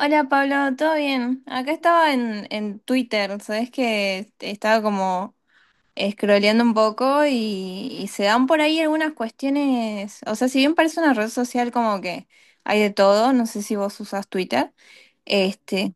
Hola Pablo, ¿todo bien? Acá estaba en Twitter, sabes que estaba como scrolleando un poco y se dan por ahí algunas cuestiones, o sea, si bien parece una red social como que hay de todo, no sé si vos usás Twitter, este,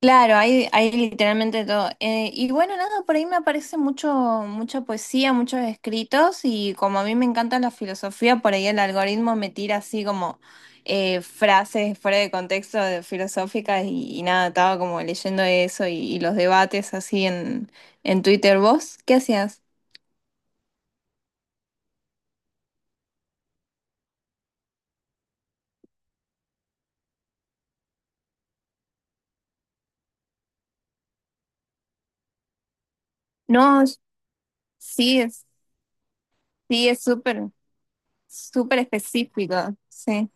claro, hay literalmente todo. Y bueno, nada, por ahí me aparece mucho, mucha poesía, muchos escritos y como a mí me encanta la filosofía, por ahí el algoritmo me tira así como frases fuera de contexto filosóficas y nada, estaba como leyendo eso y los debates así en Twitter. ¿Vos qué hacías? No, sí, es, sí, es súper, súper específico, sí.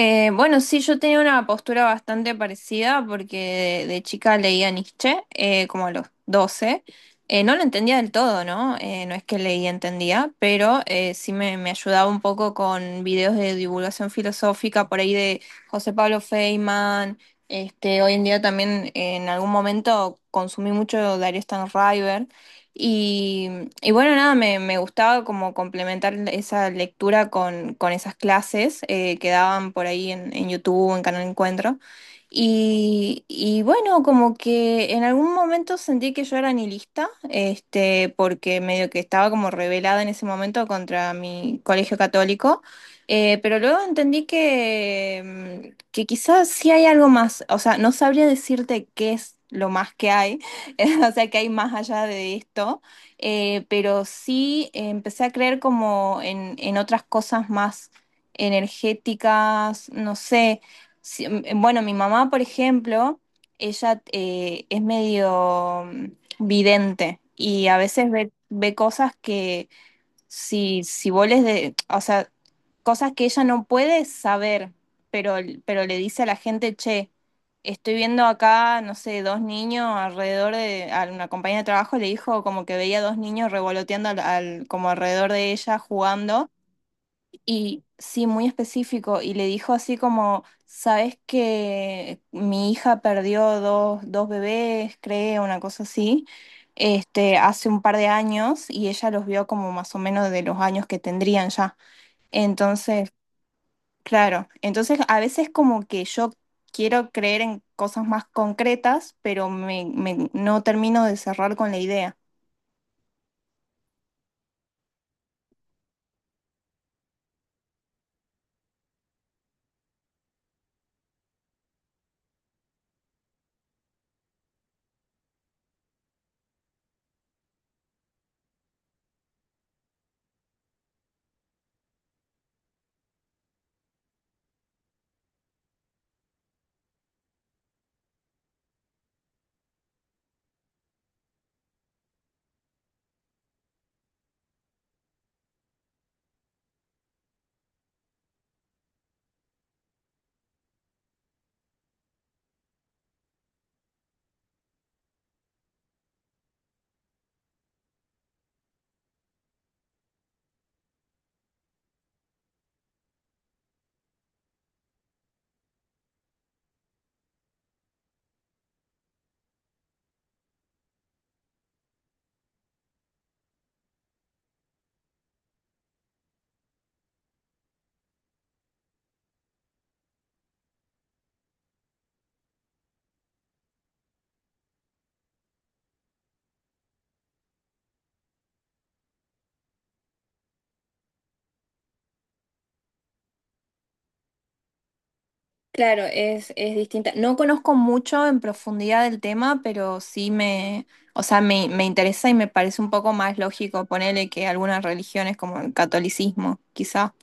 Bueno, sí, yo tenía una postura bastante parecida porque de chica leía Nietzsche, como a los 12. No lo entendía del todo, ¿no? No es que leía, entendía, pero sí me ayudaba un poco con videos de divulgación filosófica por ahí de José Pablo Feynman. Este, hoy en día también en algún momento consumí mucho Darío Stanraiver. Y, y bueno, nada, me gustaba como complementar esa lectura con esas clases que daban por ahí en YouTube, en Canal Encuentro. Y bueno, como que en algún momento sentí que yo era nihilista, este, porque medio que estaba como rebelada en ese momento contra mi colegio católico. Pero luego entendí que, que quizás sí hay algo más, o sea, no sabría decirte qué es lo más que hay o sea que hay más allá de esto, pero sí empecé a creer como en otras cosas más energéticas, no sé, bueno, mi mamá, por ejemplo, ella es medio vidente y a veces ve, ve cosas que si, si vos les de, o sea, cosas que ella no puede saber, pero, pero le dice a la gente, che, estoy viendo acá, no sé, 2 niños alrededor de, a una compañía de trabajo le dijo como que veía 2 niños revoloteando al, como alrededor de ella jugando y sí, muy específico. Y le dijo así como, ¿sabes que mi hija perdió 2, 2 bebés, creo, una cosa así, este, hace un par de años y ella los vio como más o menos de los años que tendrían ya? Entonces, claro, entonces a veces como que yo quiero creer en cosas más concretas, pero me, no termino de cerrar con la idea. Claro, es distinta. No conozco mucho en profundidad del tema, pero sí me, o sea, me interesa y me parece un poco más lógico ponerle que algunas religiones como el catolicismo, quizá.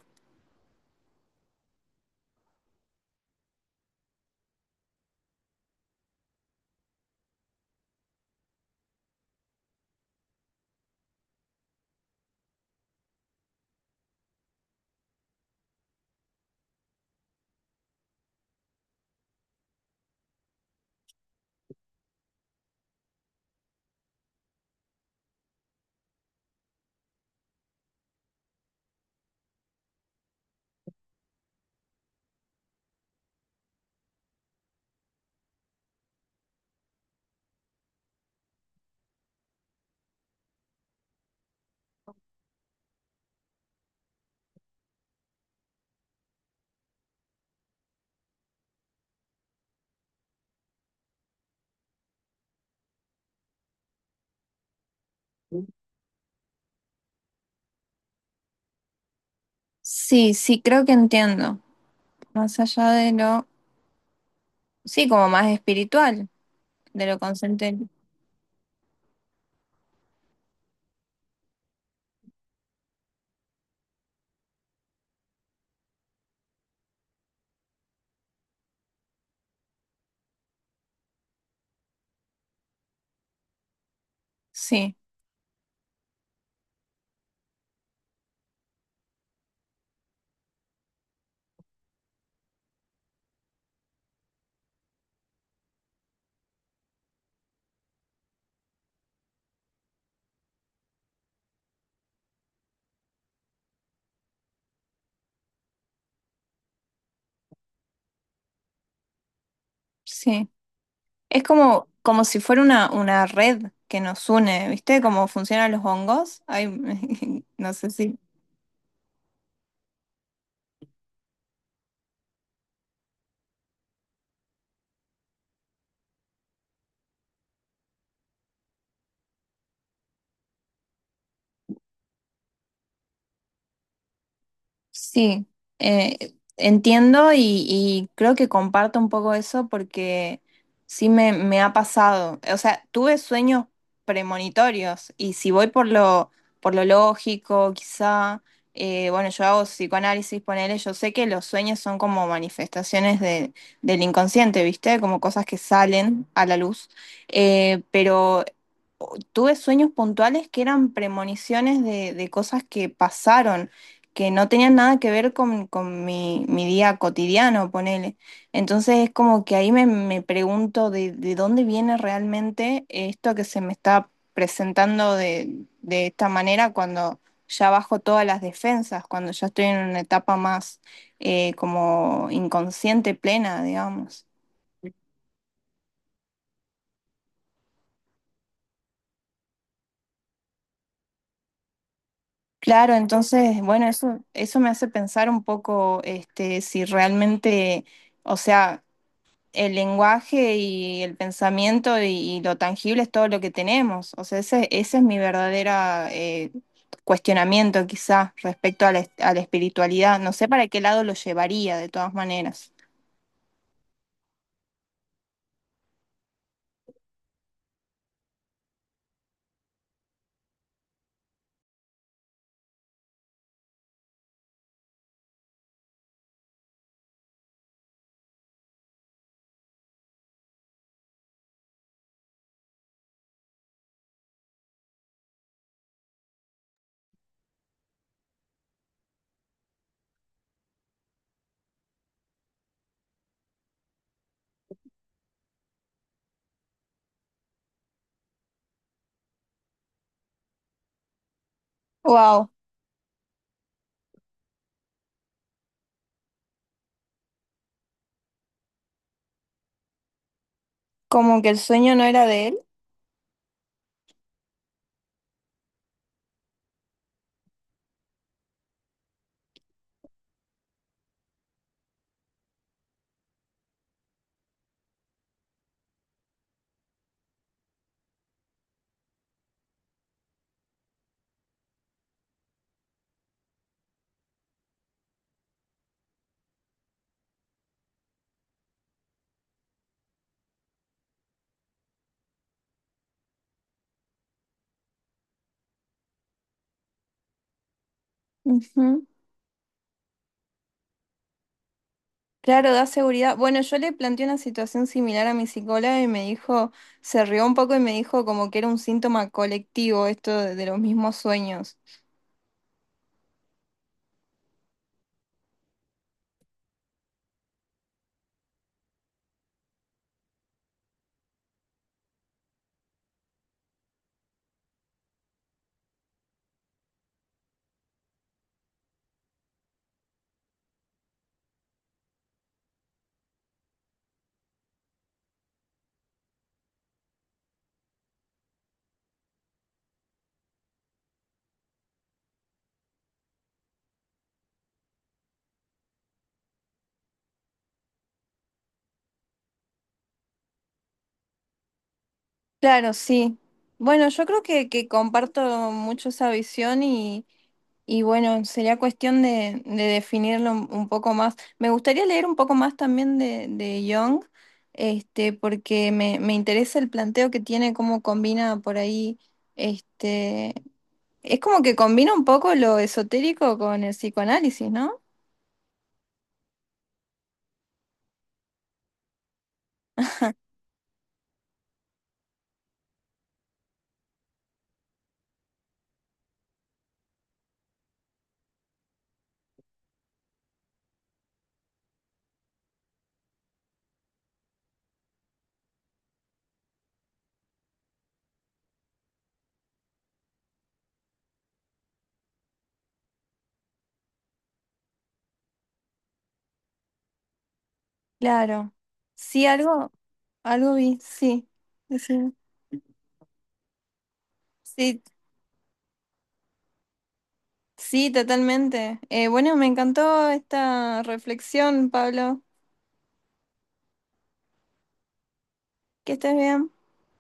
Sí, sí, creo que entiendo. Más allá de lo, sí, como más espiritual, de lo consciente. Sí, sí. Es como, como si fuera una red que nos une, ¿viste? Cómo funcionan los hongos. Ay, no sé si. Sí, entiendo y creo que comparto un poco eso porque sí me ha pasado. O sea, tuve sueños premonitorios y si voy por lo lógico, quizá, bueno, yo hago psicoanálisis, ponele, yo sé que los sueños son como manifestaciones del inconsciente, ¿viste? Como cosas que salen a la luz. Pero tuve sueños puntuales que eran premoniciones de cosas que pasaron, que no tenían nada que ver con mi, mi día cotidiano, ponele. Entonces es como que ahí me, me pregunto de dónde viene realmente esto que se me está presentando de esta manera cuando ya bajo todas las defensas, cuando ya estoy en una etapa más como inconsciente plena, digamos. Claro, entonces, bueno, eso me hace pensar un poco, este, si realmente, o sea, el lenguaje y el pensamiento y lo tangible es todo lo que tenemos. O sea, ese es mi verdadera cuestionamiento quizá respecto a la, a la espiritualidad. No sé para qué lado lo llevaría de todas maneras. Wow, como que el sueño no era de él. Ujú. Claro, da seguridad. Bueno, yo le planteé una situación similar a mi psicóloga y me dijo, se rió un poco y me dijo como que era un síntoma colectivo esto de los mismos sueños. Claro, sí. Bueno, yo creo que comparto mucho esa visión y bueno, sería cuestión de definirlo un poco más. Me gustaría leer un poco más también de Jung, este, porque me interesa el planteo que tiene, cómo combina por ahí, este, es como que combina un poco lo esotérico con el psicoanálisis, ¿no? Claro. Sí, algo, algo vi, sí. Decime. Sí, sí, totalmente. Bueno, me encantó esta reflexión, Pablo. Que estés bien.